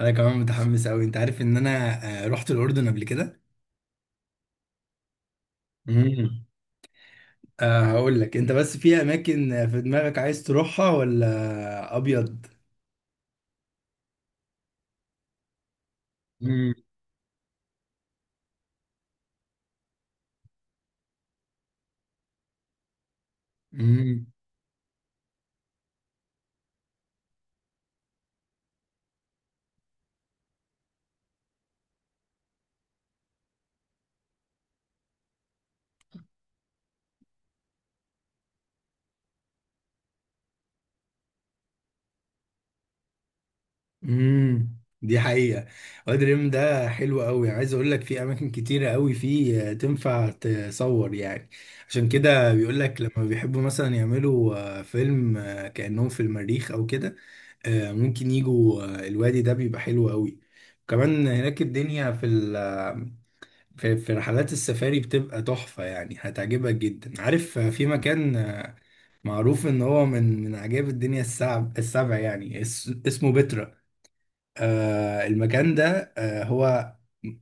انا كمان متحمس قوي، انت عارف ان انا رحت الاردن قبل كده. امم أه هقول لك، انت بس في اماكن في دماغك عايز تروحها، ولا ابيض؟ امم. دي حقيقة. وادي الريم ده حلو قوي، يعني عايز اقول لك في اماكن كتيرة قوي فيه تنفع تصور يعني. عشان كده بيقول لك لما بيحبوا مثلا يعملوا فيلم، كأنهم في المريخ او كده. ممكن يجوا الوادي ده بيبقى حلو قوي. كمان هناك الدنيا في ال آه، في رحلات السفاري بتبقى تحفة، يعني هتعجبك جدا. عارف، في مكان معروف ان هو من عجائب الدنيا السبع، يعني اسمه بترا. المكان ده هو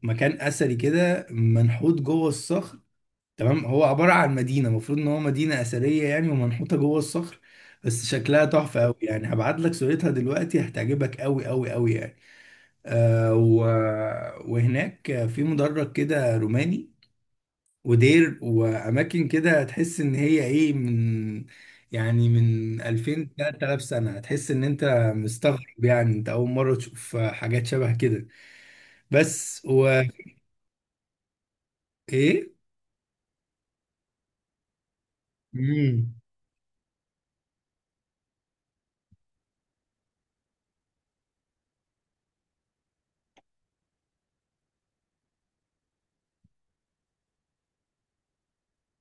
مكان اثري كده، منحوت جوه الصخر. تمام، هو عباره عن مدينه، المفروض ان هو مدينه اثريه يعني، ومنحوته جوه الصخر. بس شكلها تحفه قوي، يعني هبعت لك صورتها دلوقتي، هتعجبك قوي قوي قوي يعني. آه و... وهناك في مدرج كده روماني، ودير واماكن كده، تحس ان هي ايه من 2000 3000 سنه. هتحس ان انت مستغرب، يعني انت اول مره تشوف حاجات شبه كده. بس و. ايه؟ امم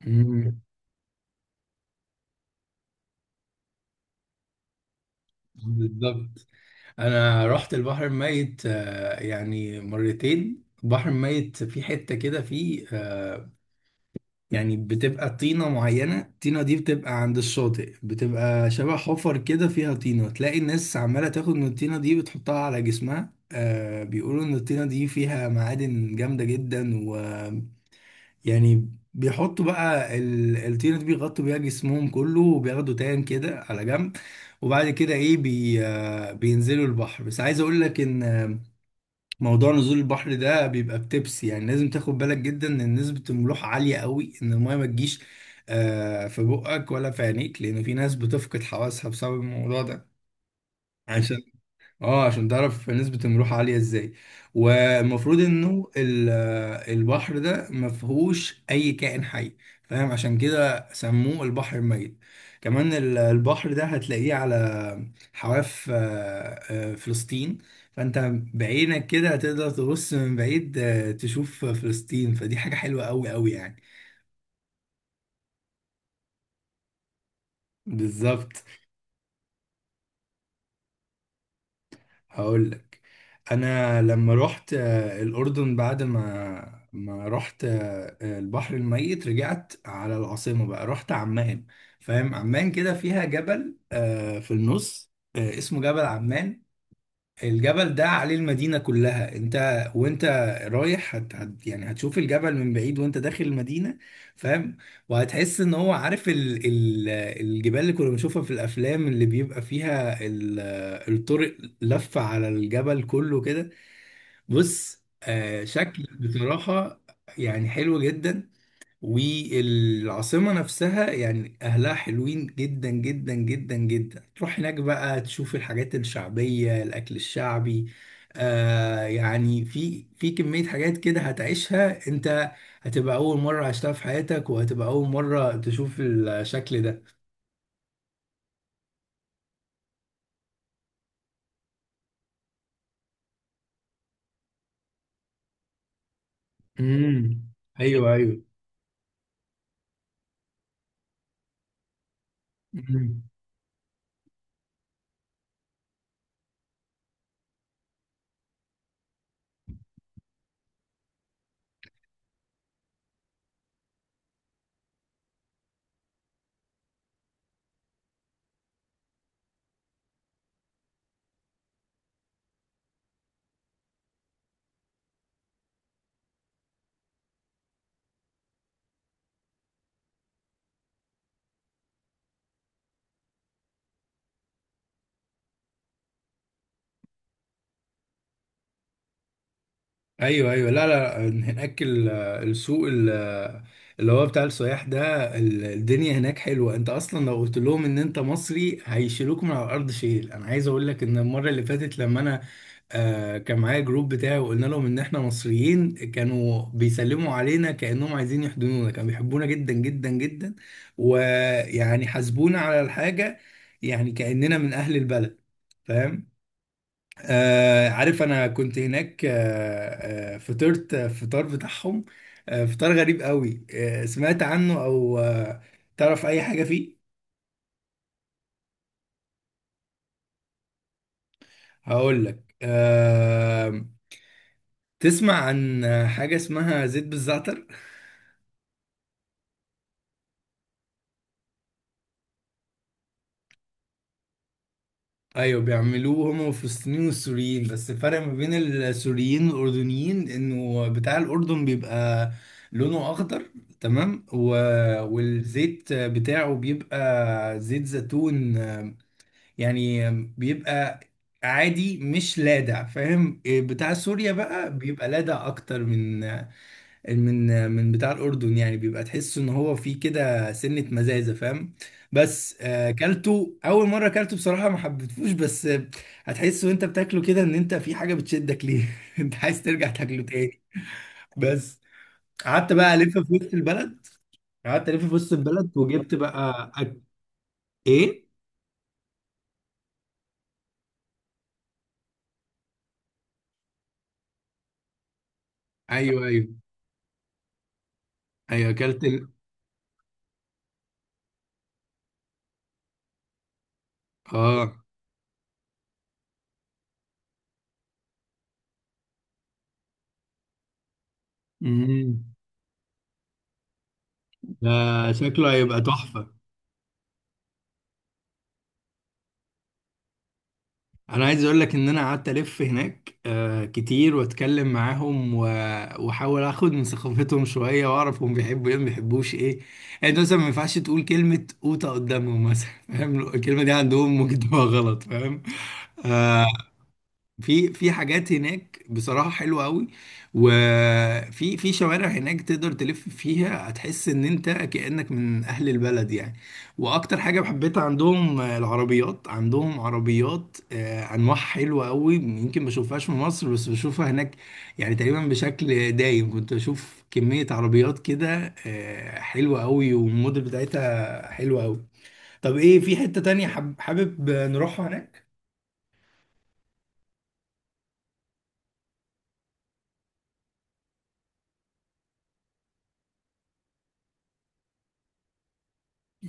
امم. بالظبط. انا رحت البحر الميت، يعني مرتين. البحر الميت في حتة كده فيه، يعني بتبقى طينة معينة. الطينة دي بتبقى عند الشاطئ، بتبقى شبه حفر كده فيها طينة، تلاقي الناس عمالة تاخد من الطينة دي بتحطها على جسمها. بيقولوا ان الطينة دي فيها معادن جامدة جدا، و... يعني بيحطوا بقى الطينة دي، بيغطوا بيها جسمهم كله، وبياخدوا تان كده على جنب. وبعد كده ايه بي آه، بينزلوا البحر. بس عايز اقول لك ان، موضوع نزول البحر ده بيبقى بتبس، يعني لازم تاخد بالك جدا ان نسبة الملوحة عالية قوي، ان المية ما تجيش في بقك ولا في عينيك، لان في ناس بتفقد حواسها بسبب الموضوع ده. عشان، اه عشان تعرف نسبة الملوحة عالية ازاي. والمفروض انه البحر ده ما فيهوش اي كائن حي، فاهم؟ عشان كده سموه البحر الميت. كمان البحر ده هتلاقيه على حواف فلسطين. فانت بعينك كده هتقدر تبص من بعيد، تشوف فلسطين. فدي حاجة حلوة قوي قوي يعني. بالظبط. هقول لك. انا لما رحت الاردن، بعد ما رحت البحر الميت، رجعت على العاصمه بقى رحت عمان. فاهم؟ عمان كده فيها جبل في النص، اسمه جبل عمان. الجبل ده عليه المدينة كلها. انت وانت رايح هت هت يعني هتشوف الجبل من بعيد وانت داخل المدينة. فاهم؟ وهتحس ان هو، عارف، ال ال الجبال اللي كنا بنشوفها في الافلام اللي بيبقى فيها الطرق لفة على الجبل كله كده. بص، شكل بصراحة، يعني حلو جدا. والعاصمة نفسها يعني أهلها حلوين جدا جدا جدا جدا. تروح هناك بقى تشوف الحاجات الشعبية، الأكل الشعبي. يعني في كمية حاجات كده هتعيشها أنت، هتبقى أول مرة عشتها في حياتك، وهتبقى أول مرة تشوف الشكل ده. امم. أيوه، أيوه، ايوه، ايوه. لا، لا، لا، هناك السوق اللي هو بتاع السياح ده. الدنيا هناك حلوه. انت اصلا لو قلت لهم ان انت مصري هيشيلوك من على الارض شيل. انا عايز اقول لك ان المره اللي فاتت، لما انا كان معايا جروب بتاعي، وقلنا لهم ان احنا مصريين، كانوا بيسلموا علينا كانهم عايزين يحضنونا، كانوا بيحبونا جدا جدا جدا، ويعني حاسبونا على الحاجه، يعني كاننا من اهل البلد، فاهم؟ عارف، انا كنت هناك فطرت فطار بتاعهم، فطار غريب قوي. سمعت عنه او تعرف اي حاجة فيه؟ هقول لك. تسمع عن حاجة اسمها زيت بالزعتر؟ ايوه، بيعملوه هما الفلسطينيين والسوريين. بس الفرق ما بين السوريين والاردنيين انه بتاع الاردن بيبقى لونه اخضر، تمام، والزيت بتاعه بيبقى زيت زيتون. يعني بيبقى عادي مش لادع، فاهم؟ بتاع سوريا بقى بيبقى لادع اكتر من بتاع الاردن، يعني بيبقى تحس ان هو فيه كده سنة مزازة، فاهم؟ بس كلته. اول مرة كلته بصراحة ما حبيتهوش، بس هتحس وانت بتاكله كده ان انت في حاجة بتشدك ليه، انت عايز ترجع تاكله تاني. بس، قعدت بقى الف في وسط البلد. قعدت الف في وسط البلد، وجبت بقى أك... ايه؟ ايوه، ايوه، ايوه، اكلت ال... اه. مم. ده شكله هيبقى تحفة. انا عايز اقول لك ان انا قعدت الف هناك كتير، واتكلم معاهم واحاول اخد من ثقافتهم شوية، واعرف هم بيحبوا ايه ما بيحبوش ايه. يعني انت مثلا ما ينفعش تقول كلمة قوطة قدامهم مثلا، فاهم؟ الكلمة دي عندهم ممكن تبقى غلط، فاهم؟ آه، في في حاجات هناك بصراحة حلوة قوي، وفي شوارع هناك تقدر تلف فيها، هتحس ان انت كأنك من اهل البلد يعني. واكتر حاجة حبيتها عندهم، العربيات. عندهم عربيات انواع حلوة قوي، يمكن ما بشوفهاش في مصر بس بشوفها هناك. يعني تقريبا بشكل دايم كنت بشوف كمية عربيات كده حلوة قوي، والموديل بتاعتها حلوة قوي. طب، ايه، في حتة تانية حابب نروحها هناك؟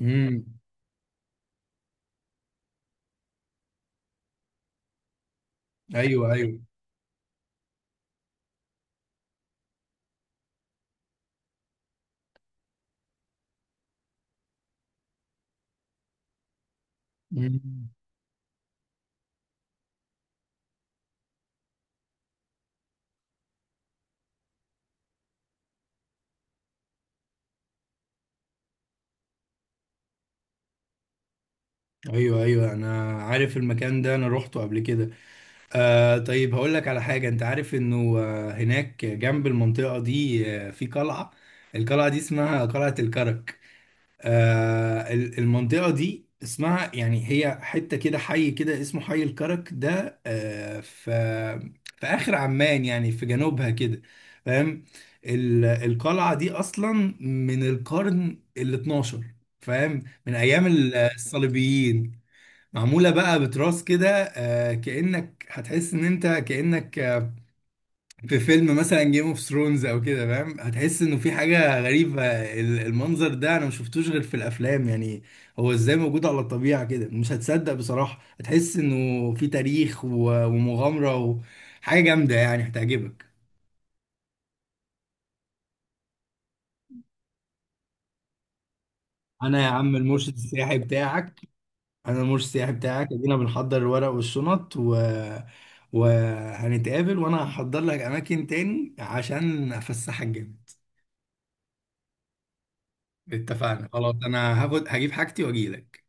امم. ايوه، ايوه. مم. ايوه، ايوه، انا عارف المكان ده، انا روحته قبل كده. طيب، هقول لك على حاجه. انت عارف انه هناك جنب المنطقه دي في قلعه. القلعه دي اسمها قلعه الكرك. المنطقة دي اسمها، يعني هي حتة كده، حي كده اسمه حي الكرك ده، في في آخر عمان، يعني في جنوبها كده، فاهم؟ القلعة دي أصلا من القرن ال 12، فاهم، من أيام الصليبيين. معمولة بقى بتراس كده. كأنك هتحس إن أنت كأنك في فيلم مثلا جيم اوف ثرونز او كده، فاهم؟ هتحس انه في حاجه غريبه. المنظر ده انا ما شفتوش غير في الافلام يعني. هو ازاي موجود على الطبيعه كده؟ مش هتصدق بصراحه، هتحس انه في تاريخ ومغامره وحاجه جامده، يعني هتعجبك. انا يا عم المرشد السياحي بتاعك، انا المرشد السياحي بتاعك، ادينا بنحضر الورق والشنط، و وهنتقابل، وانا هحضر لك اماكن تاني عشان افسحك جامد. اتفقنا خلاص، انا هاخد هجيب حاجتي واجيلك.